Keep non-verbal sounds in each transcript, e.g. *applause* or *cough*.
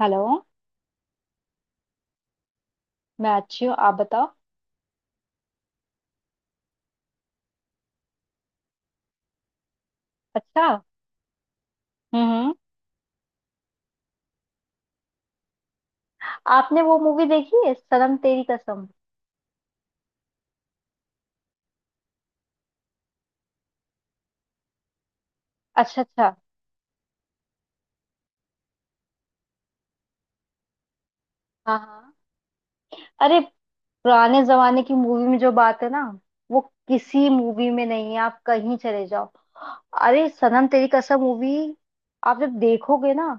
Hello. मैं अच्छी हूँ, आप बताओ। अच्छा। हम्म हम्म। आपने वो मूवी देखी है, सनम तेरी कसम? अच्छा अच्छा। हाँ हाँ। अरे पुराने जमाने की मूवी में जो बात है ना, वो किसी मूवी में नहीं है। आप कहीं चले जाओ। अरे सनम तेरी कसम मूवी आप जब देखोगे ना,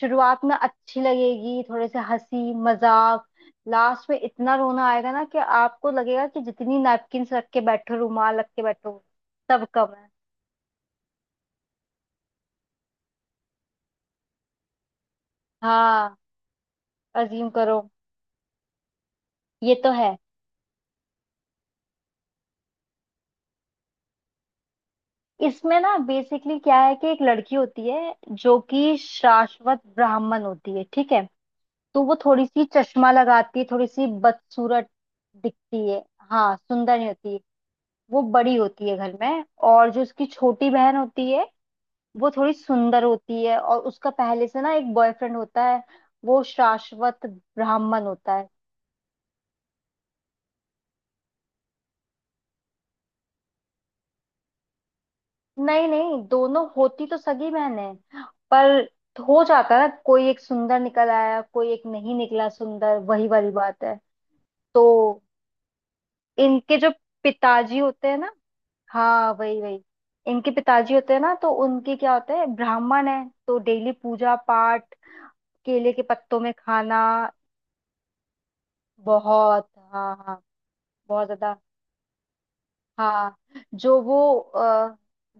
शुरुआत में अच्छी लगेगी, थोड़े से हंसी मजाक। लास्ट में इतना रोना आएगा ना कि आपको लगेगा कि जितनी नैपकिन रख के बैठो, रुमाल रख के बैठो, सब कम है। हाँ अज्यूम करो। ये तो है। इसमें ना बेसिकली क्या है कि एक लड़की होती है जो कि शाश्वत ब्राह्मण होती है, ठीक है। तो वो थोड़ी सी चश्मा लगाती है, थोड़ी सी बदसूरत दिखती है। हाँ सुंदर नहीं होती। वो बड़ी होती है घर में, और जो उसकी छोटी बहन होती है वो थोड़ी सुंदर होती है। और उसका पहले से ना एक बॉयफ्रेंड होता है, वो शाश्वत ब्राह्मण होता है। नहीं नहीं, दोनों होती तो सगी बहन है, पर हो जाता है ना कोई एक सुंदर निकल आया, कोई एक नहीं निकला सुंदर, वही वाली बात है। तो इनके जो पिताजी होते हैं ना, हाँ वही वही, इनके पिताजी होते हैं ना, तो उनके क्या होते हैं, ब्राह्मण है तो डेली पूजा पाठ, केले के पत्तों में खाना। बहुत, हाँ हाँ, बहुत ज्यादा। हाँ। जो वो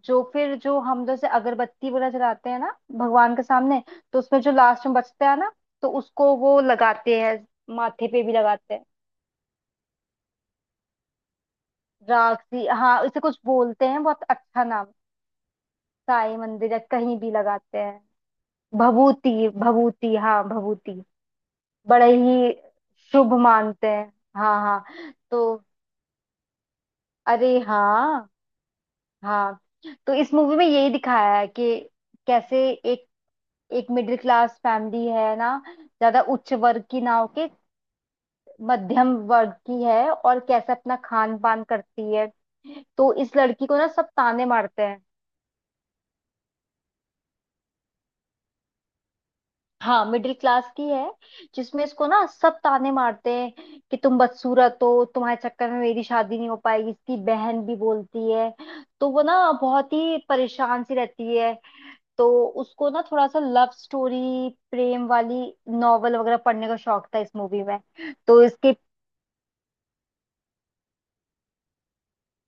जो फिर जो हम जैसे अगरबत्ती वगैरह जलाते हैं ना, भगवान के सामने, तो उसमें जो लास्ट में बचता है ना, तो उसको वो लगाते हैं, माथे पे भी लगाते हैं। राखी, हाँ इसे कुछ बोलते हैं, बहुत अच्छा नाम। साई मंदिर या कहीं भी लगाते हैं। भभूति भभूति, हाँ भभूति। बड़े ही शुभ मानते हैं। हाँ हाँ। तो अरे हाँ, हाँ। तो इस मूवी में यही दिखाया है कि कैसे एक, एक मिडिल क्लास फैमिली है ना, ज्यादा उच्च वर्ग की ना होके मध्यम वर्ग की है, और कैसे अपना खान पान करती है। तो इस लड़की को ना सब ताने मारते हैं। हाँ, मिडिल क्लास की है, जिसमें इसको ना सब ताने मारते हैं कि तुम बदसूरत हो, तुम्हारे चक्कर में मेरी शादी नहीं हो पाएगी, इसकी बहन भी बोलती है। तो वो ना बहुत ही परेशान सी रहती है। तो उसको ना थोड़ा सा लव स्टोरी, प्रेम वाली नॉवल वगैरह पढ़ने का शौक था इस मूवी में। तो इसके,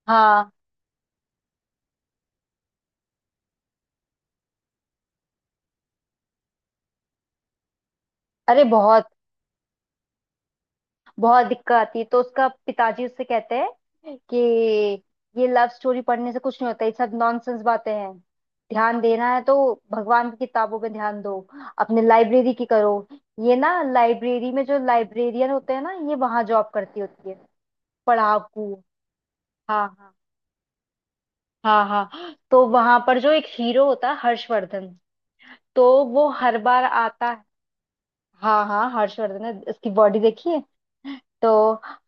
हाँ अरे, बहुत बहुत दिक्कत आती है। तो उसका पिताजी उससे कहते हैं कि ये लव स्टोरी पढ़ने से कुछ नहीं होता, ये सब नॉनसेंस बातें हैं। ध्यान देना है तो भगवान की किताबों में ध्यान दो। अपने लाइब्रेरी की करो। ये ना लाइब्रेरी में जो लाइब्रेरियन होते हैं ना, ये वहां जॉब करती होती है। पढ़ाकू, हाँ हाँ। हाँ हाँ। तो वहां पर जो एक हीरो होता है, हर्षवर्धन, तो वो हर बार आता। हाँ हाँ, हर्षवर्धन ने उसकी बॉडी देखी है। तो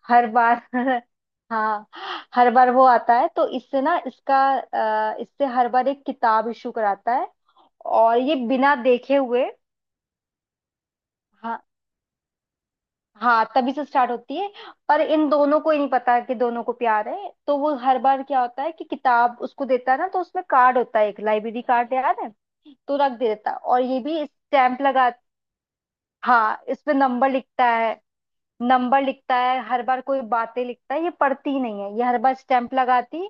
हर बार *laughs* हाँ, हर बार वो आता है तो इससे ना इसका इससे हर बार एक किताब इशू कराता है, और ये बिना देखे हुए। हाँ। हाँ तभी से स्टार्ट होती है। पर इन दोनों को ही नहीं पता कि दोनों को प्यार है। तो वो हर बार क्या होता है कि किताब उसको देता है ना, तो उसमें कार्ड होता है, एक लाइब्रेरी कार्ड याद है। तो रख देता है और ये भी स्टैंप लगा। हाँ, इस पे नंबर लिखता है। नंबर लिखता है, हर बार कोई बातें लिखता है, ये पढ़ती नहीं है, ये हर बार स्टैंप लगाती।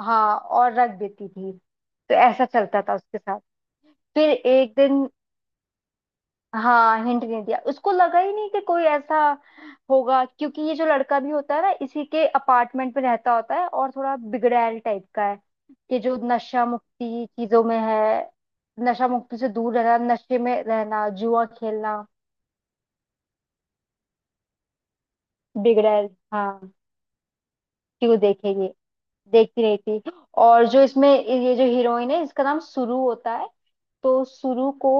हाँ और रख देती थी, तो ऐसा चलता था उसके साथ। फिर एक दिन, हाँ हिंट नहीं दिया, उसको लगा ही नहीं कि कोई ऐसा होगा। क्योंकि ये जो लड़का भी होता है ना, इसी के अपार्टमेंट में रहता होता है, और थोड़ा बिगड़ैल टाइप का है कि जो नशा मुक्ति चीजों में है। नशा मुक्ति से दूर रहना, नशे में रहना, जुआ खेलना, बिगड़ैल। हाँ, क्यों देखेंगे, देखती नहीं थी। और जो इसमें ये जो हीरोइन है, इसका नाम सुरु होता है। तो सुरु को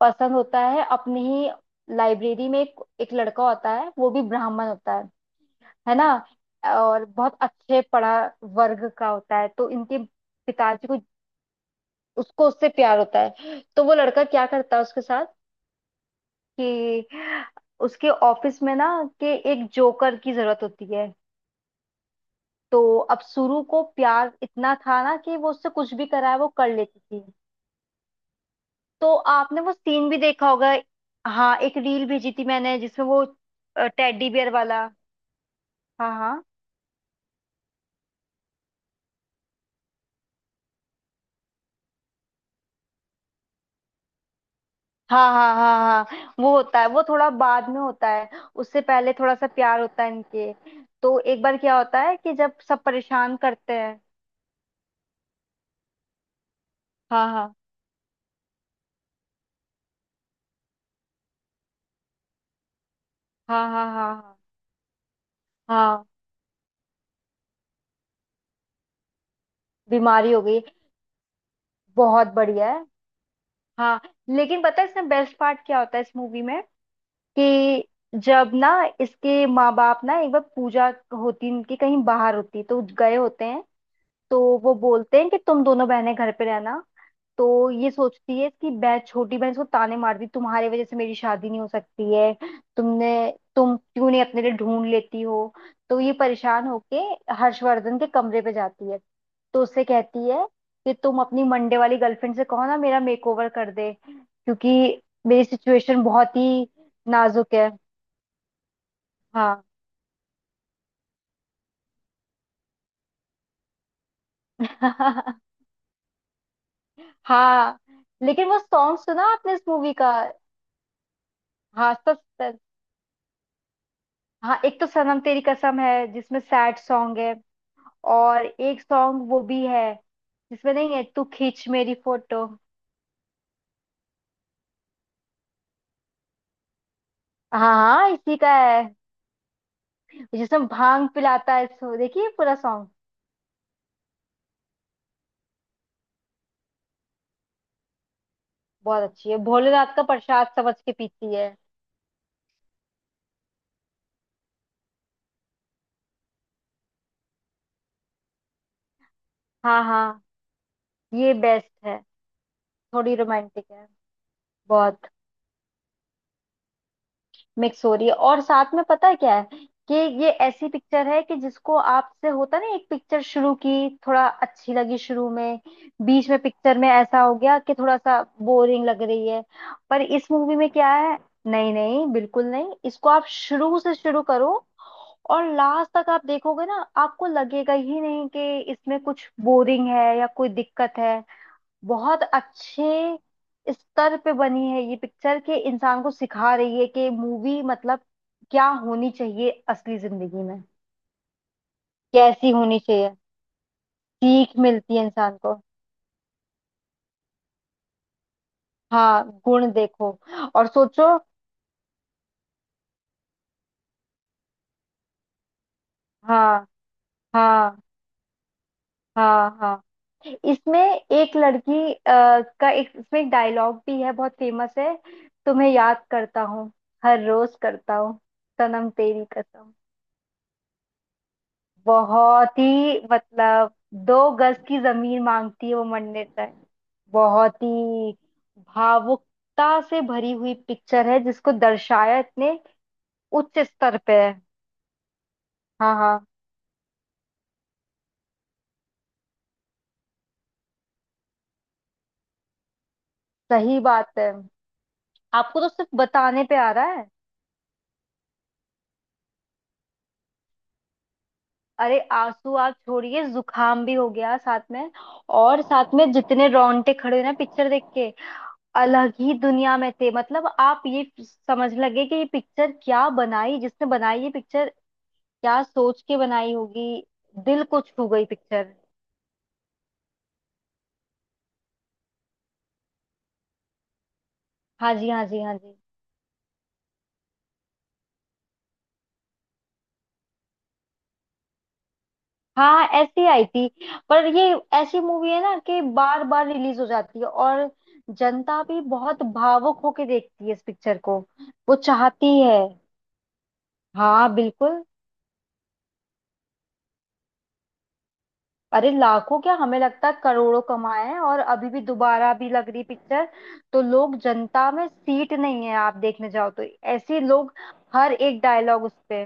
पसंद होता है, अपनी ही लाइब्रेरी में एक लड़का होता है, वो भी ब्राह्मण होता है ना, और बहुत अच्छे पढ़ा वर्ग का होता है। तो इनके पिताजी को, उसको उससे प्यार होता है। तो वो लड़का क्या करता है उसके साथ कि उसके ऑफिस में ना कि एक जोकर की जरूरत होती है। तो अब सुरु को प्यार इतना था ना कि वो उससे कुछ भी कराए वो कर लेती थी। तो आपने वो सीन भी देखा होगा। हाँ एक रील भेजी थी मैंने जिसमें वो टेडी बियर वाला। हाँ हाँ हाँ हाँ हाँ। हाँ वो होता है, वो थोड़ा बाद में होता है। उससे पहले थोड़ा सा प्यार होता है इनके। तो एक बार क्या होता है कि जब सब परेशान करते हैं, हाँ हाँ हाँ हाँ हाँ हाँ हाँ, बीमारी हो गई। बहुत बढ़िया है। हाँ, लेकिन पता है इसमें बेस्ट पार्ट क्या होता है इस मूवी में कि जब ना इसके माँ बाप ना एक बार पूजा होती इनकी, कहीं बाहर होती तो गए होते हैं। तो वो बोलते हैं कि तुम दोनों बहनें घर पे रहना। तो ये सोचती है, इसकी बहन छोटी बहन इसको ताने मारती, तुम्हारी वजह से मेरी शादी नहीं हो सकती है, तुमने तुम क्यों नहीं अपने लिए ढूंढ लेती हो। तो ये परेशान होके हर्षवर्धन के कमरे पे जाती है। तो उससे कहती है कि तुम अपनी मंडे वाली गर्लफ्रेंड से कहो ना, मेरा मेकओवर कर दे, क्योंकि मेरी सिचुएशन बहुत ही नाजुक है। हाँ *laughs* हाँ। लेकिन वो सॉन्ग सुना आपने इस मूवी का? हाँ सब। हाँ, एक तो सनम तेरी कसम है जिसमें सैड सॉन्ग है, और एक सॉन्ग वो भी है जिसमें नहीं है तू, खींच मेरी फोटो। हाँ हाँ इसी का है, जिसमें भांग पिलाता है, सो देखिए पूरा सॉन्ग। बहुत अच्छी है। भोलेनाथ का प्रसाद समझ के पीती है। हाँ हाँ। ये बेस्ट है। थोड़ी रोमांटिक है। बहुत मिक्स हो रही है। और साथ में पता है क्या है कि ये ऐसी पिक्चर है कि जिसको आपसे होता ना, एक पिक्चर शुरू की, थोड़ा अच्छी लगी शुरू में, बीच में पिक्चर में ऐसा हो गया कि थोड़ा सा बोरिंग लग रही है। पर इस मूवी में क्या है, नहीं नहीं बिल्कुल नहीं, इसको आप शुरू से शुरू करो और लास्ट तक आप देखोगे ना, आपको लगेगा ही नहीं कि इसमें कुछ बोरिंग है या कोई दिक्कत है। बहुत अच्छे स्तर पे बनी है ये पिक्चर कि इंसान को सिखा रही है कि मूवी मतलब क्या होनी चाहिए असली जिंदगी में, कैसी होनी चाहिए। सीख मिलती है इंसान को। हाँ गुण देखो और सोचो। हाँ हाँ हाँ हाँ। इसमें एक लड़की का एक इसमें एक डायलॉग भी है, बहुत फेमस है। तुम्हें याद करता हूँ, हर रोज करता हूँ, सनम तेरी कसम। बहुत ही मतलब, दो गज की जमीन मांगती है वो, मंडिर राय। बहुत ही भावुकता से भरी हुई पिक्चर है जिसको दर्शाया इतने उच्च स्तर पे है। हाँ हाँ सही बात है। आपको तो सिर्फ बताने पे आ रहा है। अरे आंसू आप छोड़िए, जुखाम भी हो गया साथ में, और साथ में जितने रोंगटे खड़े हुए ना पिक्चर देख के, अलग ही दुनिया में थे। मतलब आप ये समझ लगे कि ये पिक्चर क्या बनाई, जिसने बनाई ये पिक्चर क्या सोच के बनाई होगी, दिल को छू गई पिक्चर। हाँ जी हाँ जी हाँ जी, हाँ ऐसी आई थी। पर ये ऐसी मूवी है ना कि बार बार रिलीज हो जाती है, और जनता भी बहुत भावुक होके देखती है इस पिक्चर को, वो चाहती है। हाँ बिल्कुल। अरे लाखों क्या, हमें लगता है करोड़ों कमाए हैं, और अभी भी दोबारा भी लग रही पिक्चर। तो लोग, जनता में सीट नहीं है आप देखने जाओ तो, ऐसे लोग हर एक डायलॉग उस पे।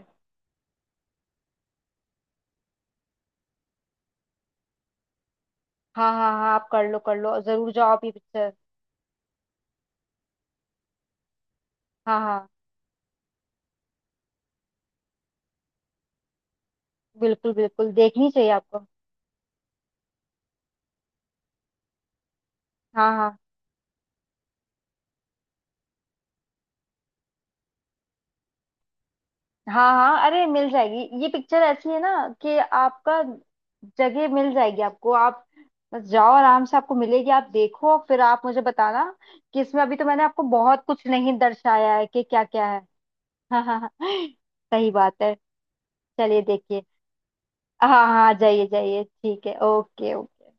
हाँ हाँ हाँ, आप कर लो कर लो, जरूर जाओ आप ये पिक्चर। हाँ हाँ, बिल्कुल बिल्कुल देखनी चाहिए आपको। हाँ हाँ हाँ हाँ, अरे मिल जाएगी, ये पिक्चर ऐसी है ना कि आपका जगह मिल जाएगी आपको। आप बस जाओ आराम से, आपको मिलेगी। आप देखो फिर आप मुझे बताना कि इसमें अभी तो मैंने आपको बहुत कुछ नहीं दर्शाया है कि क्या क्या है। हाँ हाँ हाँ सही बात है। चलिए देखिए। हाँ हाँ हाँ, जाइए जाइए, ठीक है, ओके ओके।